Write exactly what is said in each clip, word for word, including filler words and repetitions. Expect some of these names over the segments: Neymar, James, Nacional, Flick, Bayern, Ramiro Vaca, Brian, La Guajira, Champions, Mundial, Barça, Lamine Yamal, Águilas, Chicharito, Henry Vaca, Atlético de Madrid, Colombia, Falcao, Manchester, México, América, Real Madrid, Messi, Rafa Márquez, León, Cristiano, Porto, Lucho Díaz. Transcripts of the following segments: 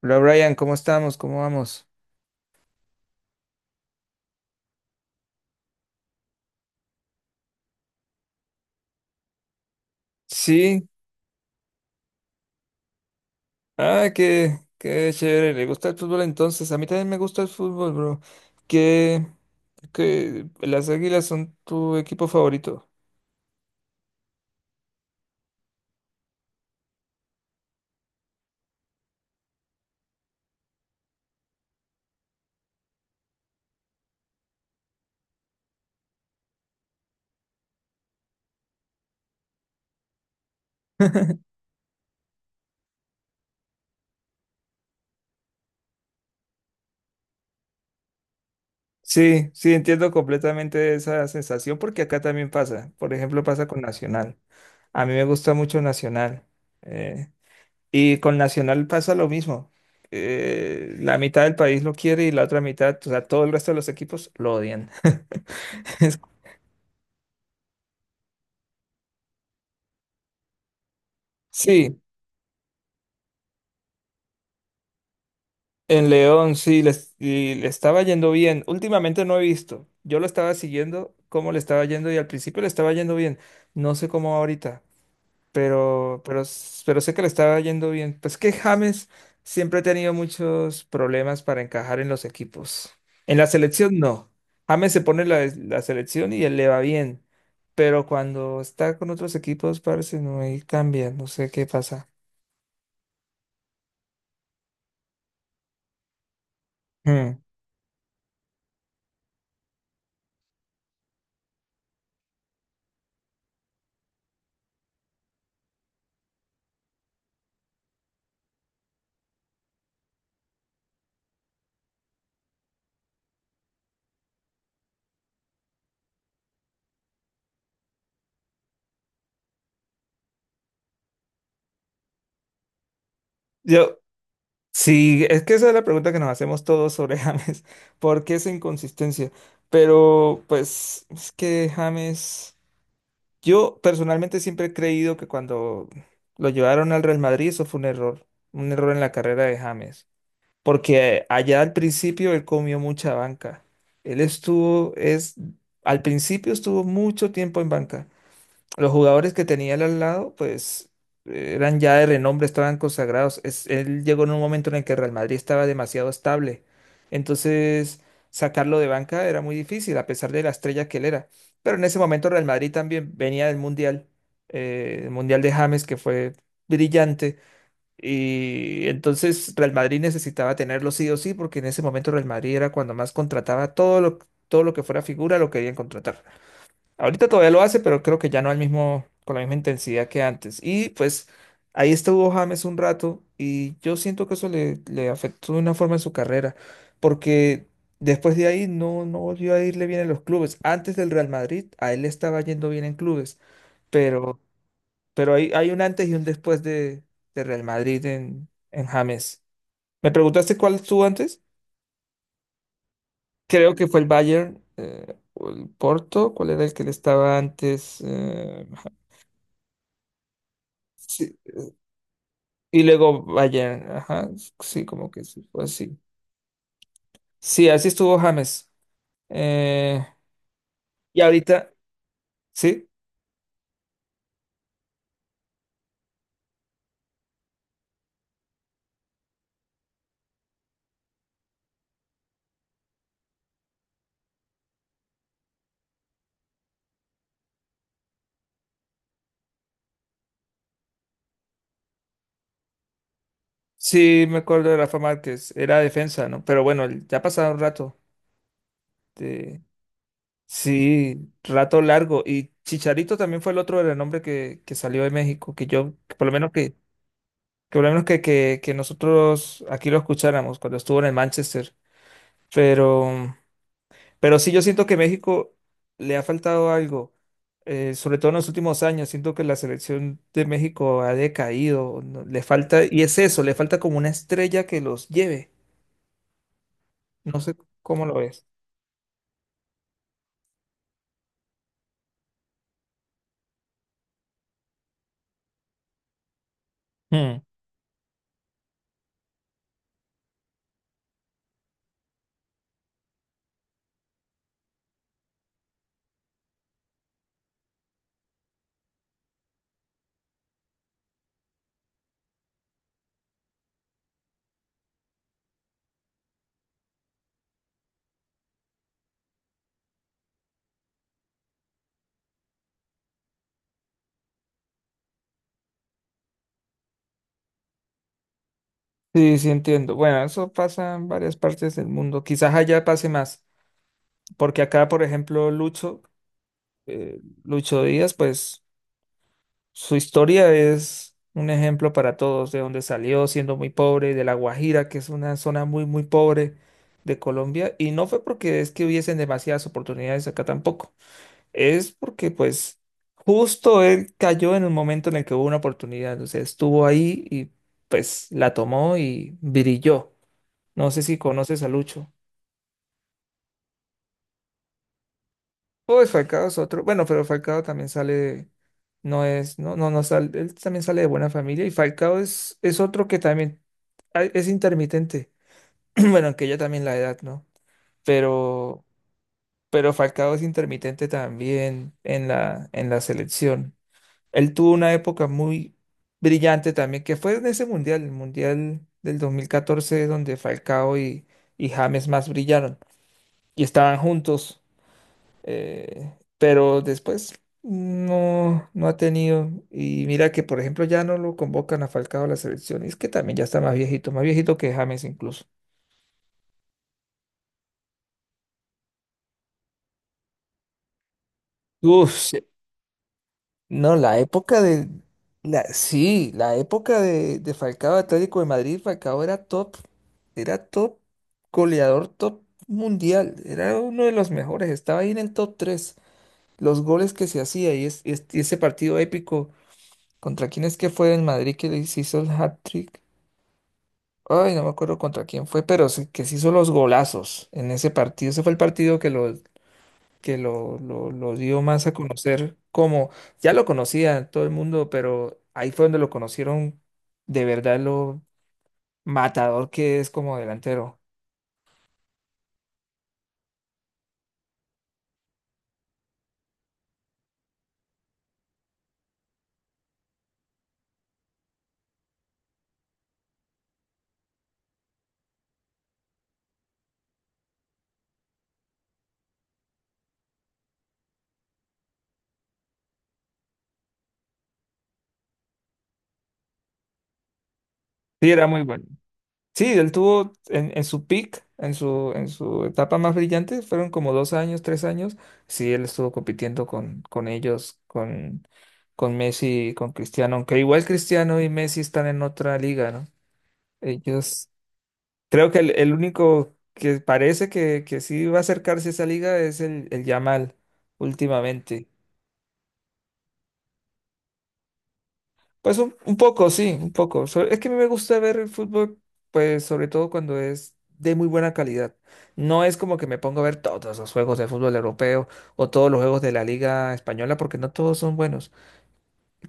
Hola Brian, ¿cómo estamos? ¿Cómo vamos? Sí, ah, qué, qué chévere, le gusta el fútbol entonces. A mí también me gusta el fútbol, bro. ¿Qué, qué- las Águilas son tu equipo favorito? Sí, sí, entiendo completamente esa sensación porque acá también pasa. Por ejemplo, pasa con Nacional. A mí me gusta mucho Nacional. eh, y con Nacional pasa lo mismo. Eh, la mitad del país lo quiere y la otra mitad, o sea, todo el resto de los equipos lo odian. Sí, en León, sí, les- y le estaba yendo bien. Últimamente no he visto. Yo lo estaba siguiendo, cómo le estaba yendo, y al principio le estaba yendo bien. No sé cómo va ahorita, pero, pero, s- pero sé que le estaba yendo bien. Pues que James siempre ha tenido muchos problemas para encajar en los equipos. En la selección no. James se pone la, la selección y él le va bien. Pero cuando está con otros equipos, parece no, ahí cambia. No sé qué pasa. Mm. Yo, sí, es que esa es la pregunta que nos hacemos todos sobre James. ¿Por qué esa inconsistencia? Pero, pues, es que James, yo personalmente siempre he creído que cuando lo llevaron al Real Madrid, eso fue un error, un error en la carrera de James. Porque allá al principio él comió mucha banca. Él estuvo, es, al principio estuvo mucho tiempo en banca. Los jugadores que tenía él al lado, pues eh, eran ya de renombre, estaban consagrados. Es- él llegó en un momento en el que Real Madrid estaba demasiado estable. Entonces, sacarlo de banca era muy difícil, a pesar de la estrella que él era. Pero en ese momento Real Madrid también venía del Mundial, eh, el Mundial de James, que fue brillante. Y entonces Real Madrid necesitaba tenerlo sí o sí, porque en ese momento Real Madrid era cuando más contrataba todo lo, todo lo que fuera figura, lo querían contratar. Ahorita todavía lo hace, pero creo que ya no al mismo, con la misma intensidad que antes. Y pues ahí estuvo James un rato y yo siento que eso le, le afectó de una forma en su carrera, porque después de ahí no, no volvió a irle bien en los clubes. Antes del Real Madrid, a él le estaba yendo bien en clubes, pero, pero hay, hay un antes y un después de, de Real Madrid en, en James. ¿Me preguntaste cuál estuvo antes? Creo que fue el Bayern. Eh, o el Porto, ¿cuál era el que le estaba antes? Eh, Sí, y luego Bayern, ajá, sí, como que sí, fue así. Sí, así estuvo James. Eh, y ahorita, sí, sí, me acuerdo de Rafa Márquez, era defensa, ¿no? Pero bueno, ya ha pasado un rato. de- sí, rato largo. Y Chicharito también fue el otro renombre que, que salió de México, que yo, que por lo menos que, que por lo menos que, que, que nosotros aquí lo escucháramos cuando estuvo en el Manchester. Pero. Pero sí, yo siento que México le ha faltado algo, eh, sobre todo en los últimos años. Siento que la selección de México ha decaído, no- le falta, y es eso, le falta como una estrella que los lleve. No sé cómo lo ves. Mm. Sí, sí entiendo. Bueno, eso pasa en varias partes del mundo. Quizás allá pase más, porque acá, por ejemplo, Lucho, eh, Lucho Díaz, pues su historia es un ejemplo para todos, de donde salió siendo muy pobre, de La Guajira, que es una zona muy, muy pobre de Colombia, y no fue porque es que hubiesen demasiadas oportunidades acá tampoco, es porque pues justo él cayó en el momento en el que hubo una oportunidad, o sea, estuvo ahí y pues la tomó y brilló. No sé si conoces a Lucho. Pues Falcao es otro. Bueno, pero Falcao también sale, no es, no, no, no sale, él también sale de buena familia y Falcao es, es otro que también a- es intermitente. Bueno, aunque ya también la edad, ¿no? Pero, pero Falcao es intermitente también en la, en la selección. Él tuvo una época muy brillante también, que fue en ese mundial, el mundial del dos mil catorce, donde Falcao y, y James más brillaron y estaban juntos, eh, pero después no, no ha tenido. Y mira que, por ejemplo, ya no lo convocan a Falcao a la selección. Y es que también ya está más viejito, más viejito que James incluso. Uf, sí. No, la época de... La, sí, la época de, de Falcao Atlético de Madrid, Falcao era top, era top, goleador top mundial, era uno de los mejores, estaba ahí en el top tres, los goles que se hacía, y, es, y es- y ese partido épico, ¿contra quién es que fue en Madrid que le hizo el hat-trick? Ay, no me acuerdo contra quién fue, pero sí, que se hizo los golazos en ese partido. Ese fue el partido que lo, que lo, lo, lo dio más a conocer como, ya lo conocía todo el mundo, pero ahí fue donde lo conocieron de verdad lo matador que es como delantero. Sí, era muy bueno. Sí, él tuvo en, en su peak, en su, en su etapa más brillante, fueron como dos años, tres años. Sí, él estuvo compitiendo con, con ellos, con, con Messi, y con Cristiano, aunque igual Cristiano y Messi están en otra liga, ¿no? Ellos, creo que el, el único que parece que, que sí va a acercarse a esa liga es el, el Yamal últimamente. Pues un, un poco, sí, un poco. So- es que a mí me gusta ver el fútbol, pues sobre todo cuando es de muy buena calidad. No es como que me pongo a ver todos los juegos de fútbol europeo o todos los juegos de la Liga Española, porque no todos son buenos.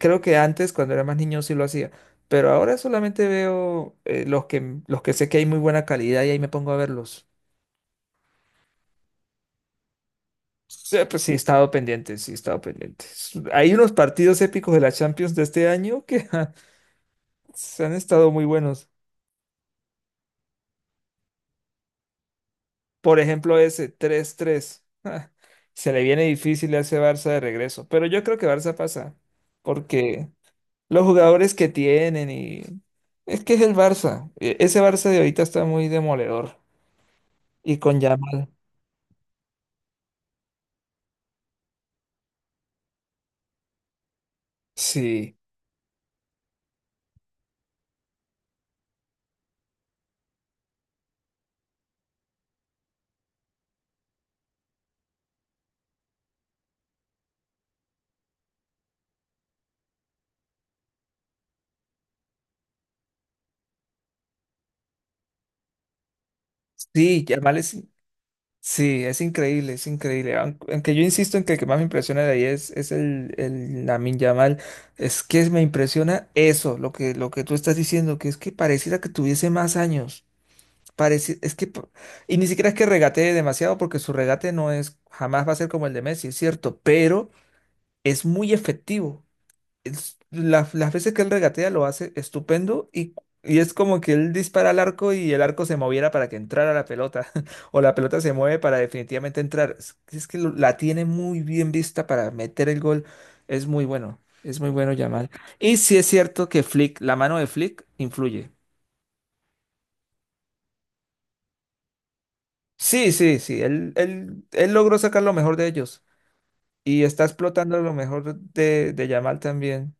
Creo que antes, cuando era más niño, sí lo hacía, pero ahora solamente veo eh, los que, los que sé que hay muy buena calidad y ahí me pongo a verlos. Sí, pues sí, he estado pendiente, sí, he estado pendiente. Hay unos partidos épicos de la Champions de este año que se han estado muy buenos. Por ejemplo, ese tres tres. Se le viene difícil a ese Barça de regreso. Pero yo creo que Barça pasa. Porque los jugadores que tienen y. Es que es el Barça. E- Ese Barça de ahorita está muy demoledor. Y con Yamal. Sí. Sí, Yamal es. Sí, es increíble, es increíble. Aun- Aunque yo insisto en que el que más me impresiona de ahí es, es el, el Lamine Yamal. Es que me impresiona eso, lo que, lo que tú estás diciendo, que es que pareciera que tuviese más años. Parece, es que, pa- y ni siquiera es que regatee demasiado, porque su regate no es, jamás va a ser como el de Messi, es cierto, pero es muy efectivo. Es- las, las veces que él regatea lo hace estupendo, y, y es como que él dispara al arco y el arco se moviera para que entrara la pelota, o la pelota se mueve para definitivamente entrar. Es, es que lo- la tiene muy bien vista para meter el gol, es muy bueno, es muy bueno Yamal. Y sí es cierto que Flick, la mano de Flick influye. Sí, sí, sí, él, él, él logró sacar lo mejor de ellos y está explotando lo mejor de, de Yamal también.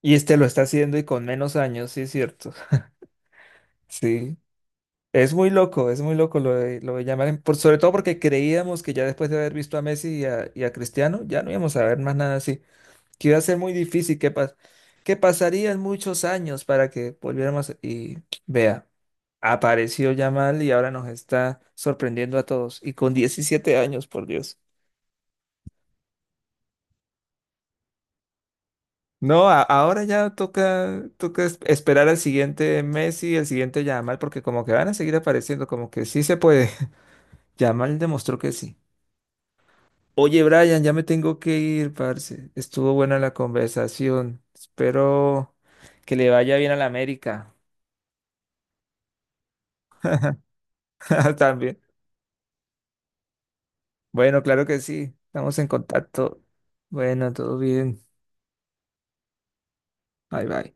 Y este lo está haciendo y con menos años, sí, es cierto. Sí, es muy loco, es muy loco lo de, lo de Yamal, en- por, sobre todo porque creíamos que ya después de haber visto a Messi y a, y a Cristiano, ya no íbamos a ver más nada así, que iba a ser muy difícil, que, pas, que pasarían muchos años para que volviéramos y vea. Apareció Yamal y ahora nos está sorprendiendo a todos. Y con diecisiete años, por Dios. No, a- ahora ya toca, toca es- esperar al siguiente Messi, el siguiente Yamal, porque como que van a seguir apareciendo, como que sí se puede. Yamal demostró que sí. Oye, Brian, ya me tengo que ir, parce. Estuvo buena la conversación. Espero que le vaya bien a la América. También. Bueno, claro que sí. Estamos en contacto. Bueno, todo bien. Bye, bye.